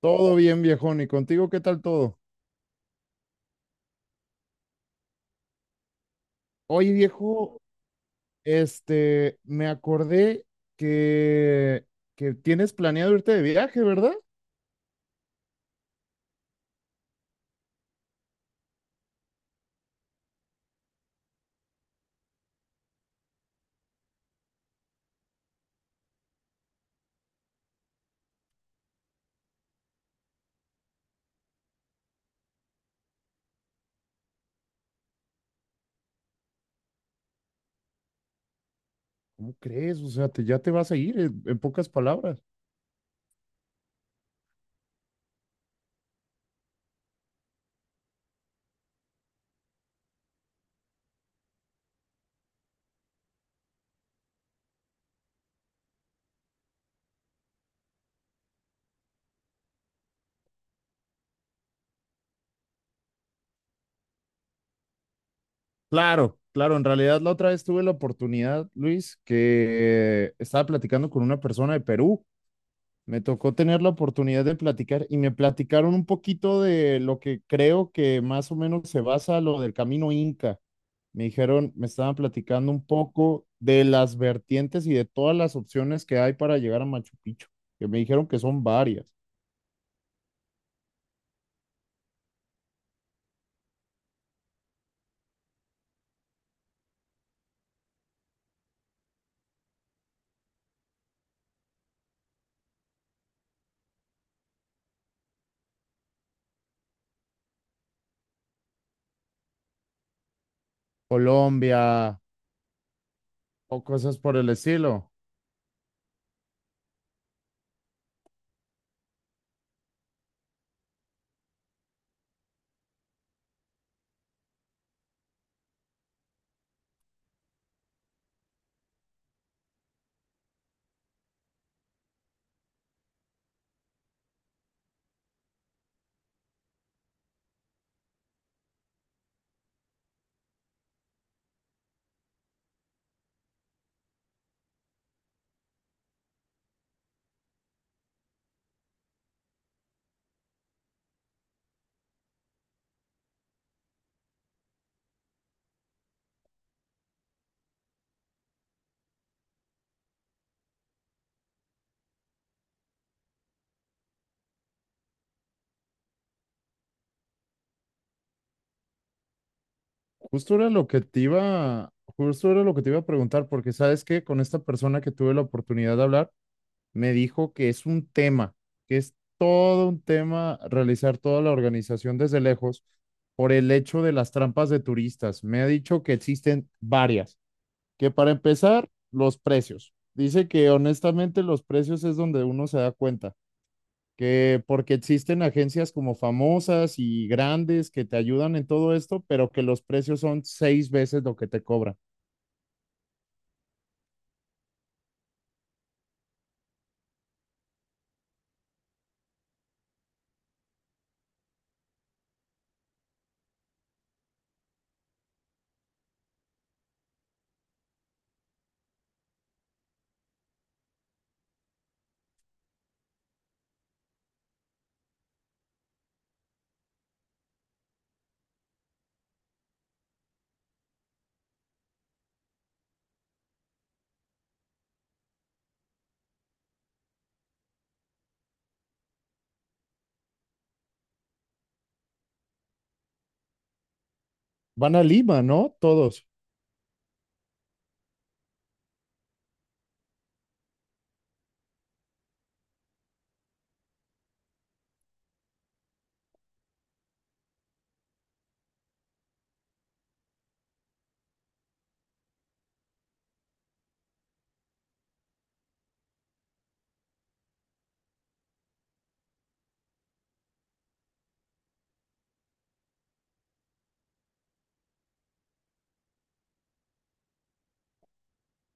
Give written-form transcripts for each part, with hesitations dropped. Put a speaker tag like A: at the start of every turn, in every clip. A: Todo bien, viejón. ¿Y contigo qué tal todo? Oye, viejo, me acordé que, que tienes planeado irte de viaje, ¿verdad? ¿Cómo crees? O sea, ya te vas a ir, en pocas palabras. Claro, claro. En realidad, la otra vez tuve la oportunidad, Luis, que estaba platicando con una persona de Perú. Me tocó tener la oportunidad de platicar y me platicaron un poquito de lo que creo que más o menos se basa lo del camino Inca. Me estaban platicando un poco de las vertientes y de todas las opciones que hay para llegar a Machu Picchu, que me dijeron que son varias. Colombia o cosas por el estilo. Justo era lo que te iba, justo era lo que te iba a preguntar, porque sabes que con esta persona que tuve la oportunidad de hablar, me dijo que es todo un tema realizar toda la organización desde lejos por el hecho de las trampas de turistas. Me ha dicho que existen varias, que para empezar, los precios. Dice que honestamente los precios es donde uno se da cuenta, que porque existen agencias como famosas y grandes que te ayudan en todo esto, pero que los precios son seis veces lo que te cobran. Van a Lima, ¿no? Todos.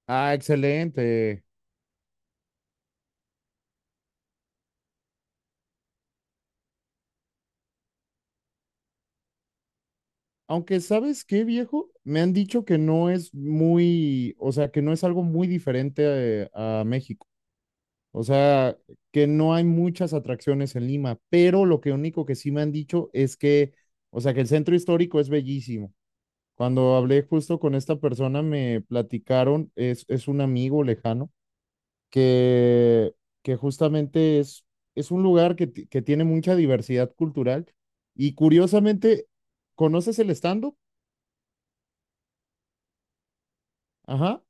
A: Ah, excelente. Aunque, ¿sabes qué, viejo? Me han dicho que no es muy, o sea, que no es algo muy diferente a México. O sea, que no hay muchas atracciones en Lima, pero lo que único que sí me han dicho es que, o sea, que el centro histórico es bellísimo. Cuando hablé justo con esta persona, me platicaron, es un amigo lejano, que, que justamente es un lugar que tiene mucha diversidad cultural y curiosamente, ¿conoces el stand-up? Ajá.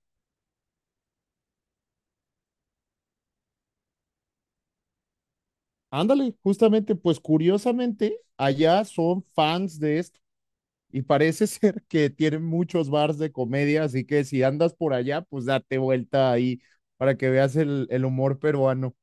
A: Ándale, justamente, pues curiosamente, allá son fans de esto y parece ser que tienen muchos bars de comedia, así que si andas por allá, pues date vuelta ahí para que veas el humor peruano.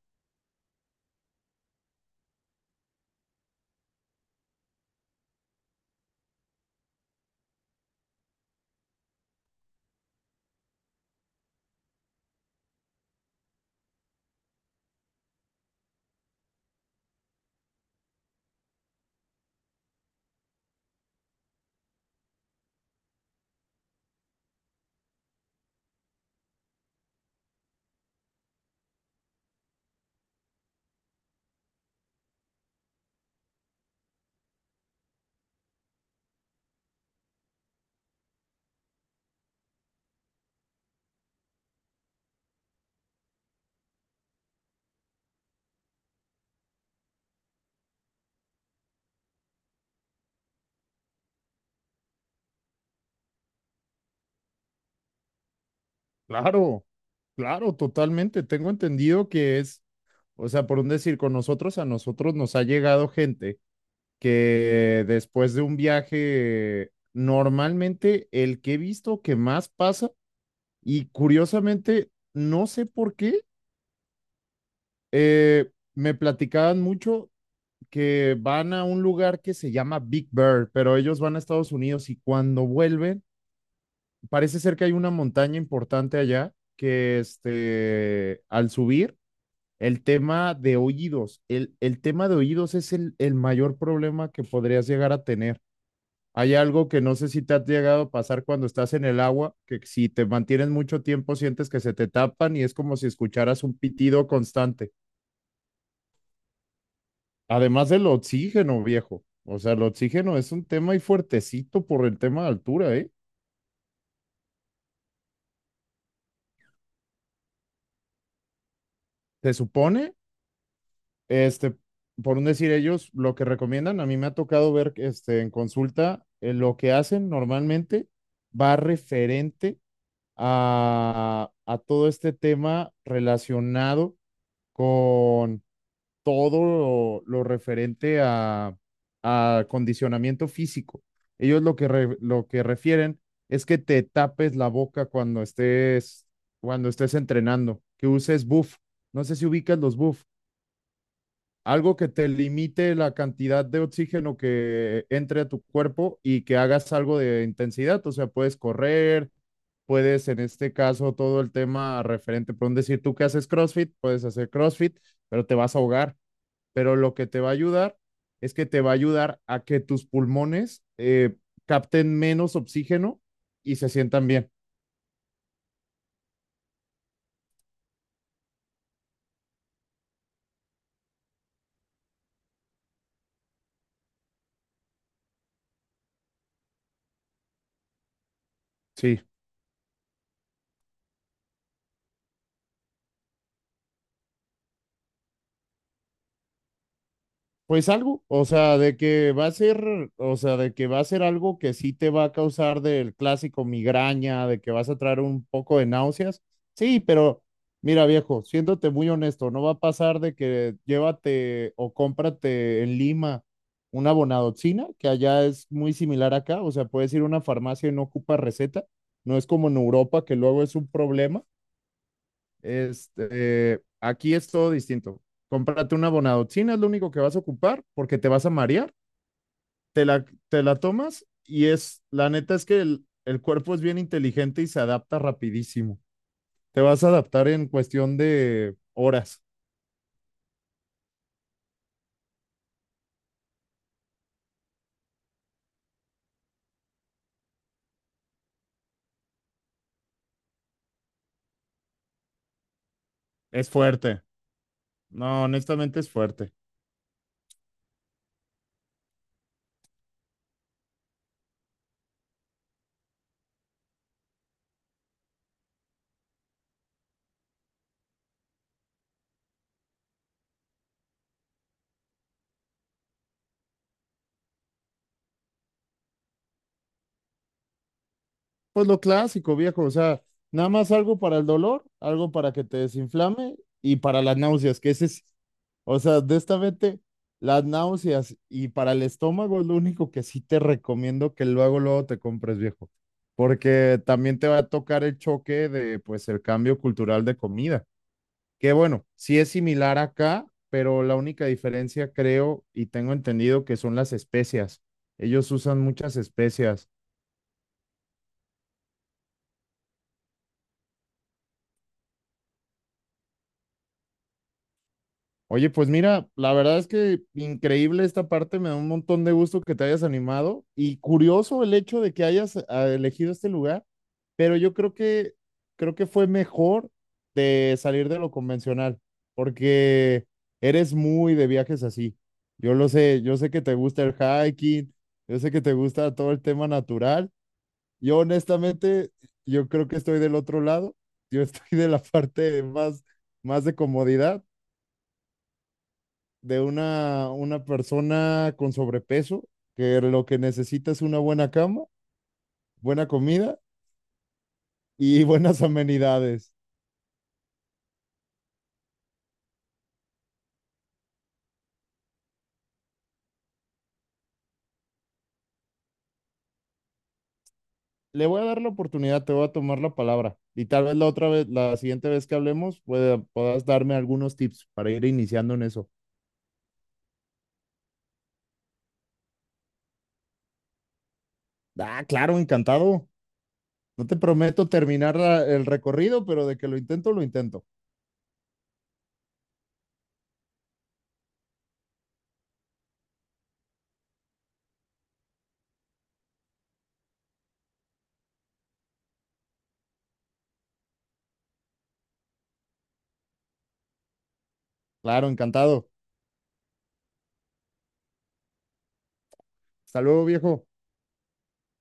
A: Claro, claro, totalmente. Tengo entendido que es, o sea, por un decir, con nosotros, a nosotros nos ha llegado gente que después de un viaje, normalmente el que he visto que más pasa y curiosamente, no sé por qué. Me platicaban mucho que van a un lugar que se llama Big Bear, pero ellos van a Estados Unidos y cuando vuelven, parece ser que hay una montaña importante allá que al subir, el tema de oídos, el tema de oídos es el mayor problema que podrías llegar a tener. Hay algo que no sé si te ha llegado a pasar cuando estás en el agua, que si te mantienes mucho tiempo sientes que se te tapan y es como si escucharas un pitido constante. Además del oxígeno, viejo. O sea, el oxígeno es un tema y fuertecito por el tema de altura, ¿eh? Se supone, este, por un decir ellos, lo que recomiendan, a mí me ha tocado ver, en consulta, lo que hacen normalmente va referente a todo este tema relacionado con todo lo referente a condicionamiento físico. Ellos lo que refieren es que te tapes la boca cuando estés, entrenando, que uses buff. No sé si ubicas los buff. Algo que te limite la cantidad de oxígeno que entre a tu cuerpo y que hagas algo de intensidad. O sea, puedes correr, puedes en este caso todo el tema referente, por un decir, tú que haces CrossFit, puedes hacer CrossFit, pero te vas a ahogar, pero lo que te va a ayudar es que te va a ayudar a que tus pulmones capten menos oxígeno y se sientan bien. Sí. Pues algo, o sea, de que va a ser, o sea, de que va a ser algo que sí te va a causar del clásico migraña, de que vas a traer un poco de náuseas. Sí, pero mira, viejo, siéndote muy honesto, no va a pasar de que llévate o cómprate en Lima una bonadoxina, que allá es muy similar acá, o sea, puedes ir a una farmacia y no ocupa receta, no es como en Europa que luego es un problema. Aquí es todo distinto. Cómprate una bonadotina, es lo único que vas a ocupar porque te vas a marear, te la tomas y es, la neta es que el cuerpo es bien inteligente y se adapta rapidísimo. Te vas a adaptar en cuestión de horas. Es fuerte. No, honestamente es fuerte. Pues lo clásico, viejo, o sea, nada más algo para el dolor, algo para que te desinflame y para las náuseas, que ese es, o sea, de esta vete, las náuseas y para el estómago es lo único que sí te recomiendo que luego, luego te compres, viejo, porque también te va a tocar el choque de, pues, el cambio cultural de comida, que bueno, sí es similar acá, pero la única diferencia creo y tengo entendido que son las especias. Ellos usan muchas especias. Oye, pues mira, la verdad es que increíble esta parte, me da un montón de gusto que te hayas animado y curioso el hecho de que hayas elegido este lugar, pero yo creo que fue mejor de salir de lo convencional, porque eres muy de viajes así. Yo lo sé, yo sé que te gusta el hiking, yo sé que te gusta todo el tema natural. Yo honestamente, yo creo que estoy del otro lado, yo estoy de la parte más de comodidad, de una persona con sobrepeso, que lo que necesita es una buena cama, buena comida y buenas amenidades. Le voy a dar la oportunidad, te voy a tomar la palabra y tal vez la otra vez, la siguiente vez que hablemos, puedas darme algunos tips para ir iniciando en eso. Ah, claro, encantado. No te prometo terminar el recorrido, pero de que lo intento, lo intento. Claro, encantado. Hasta luego, viejo.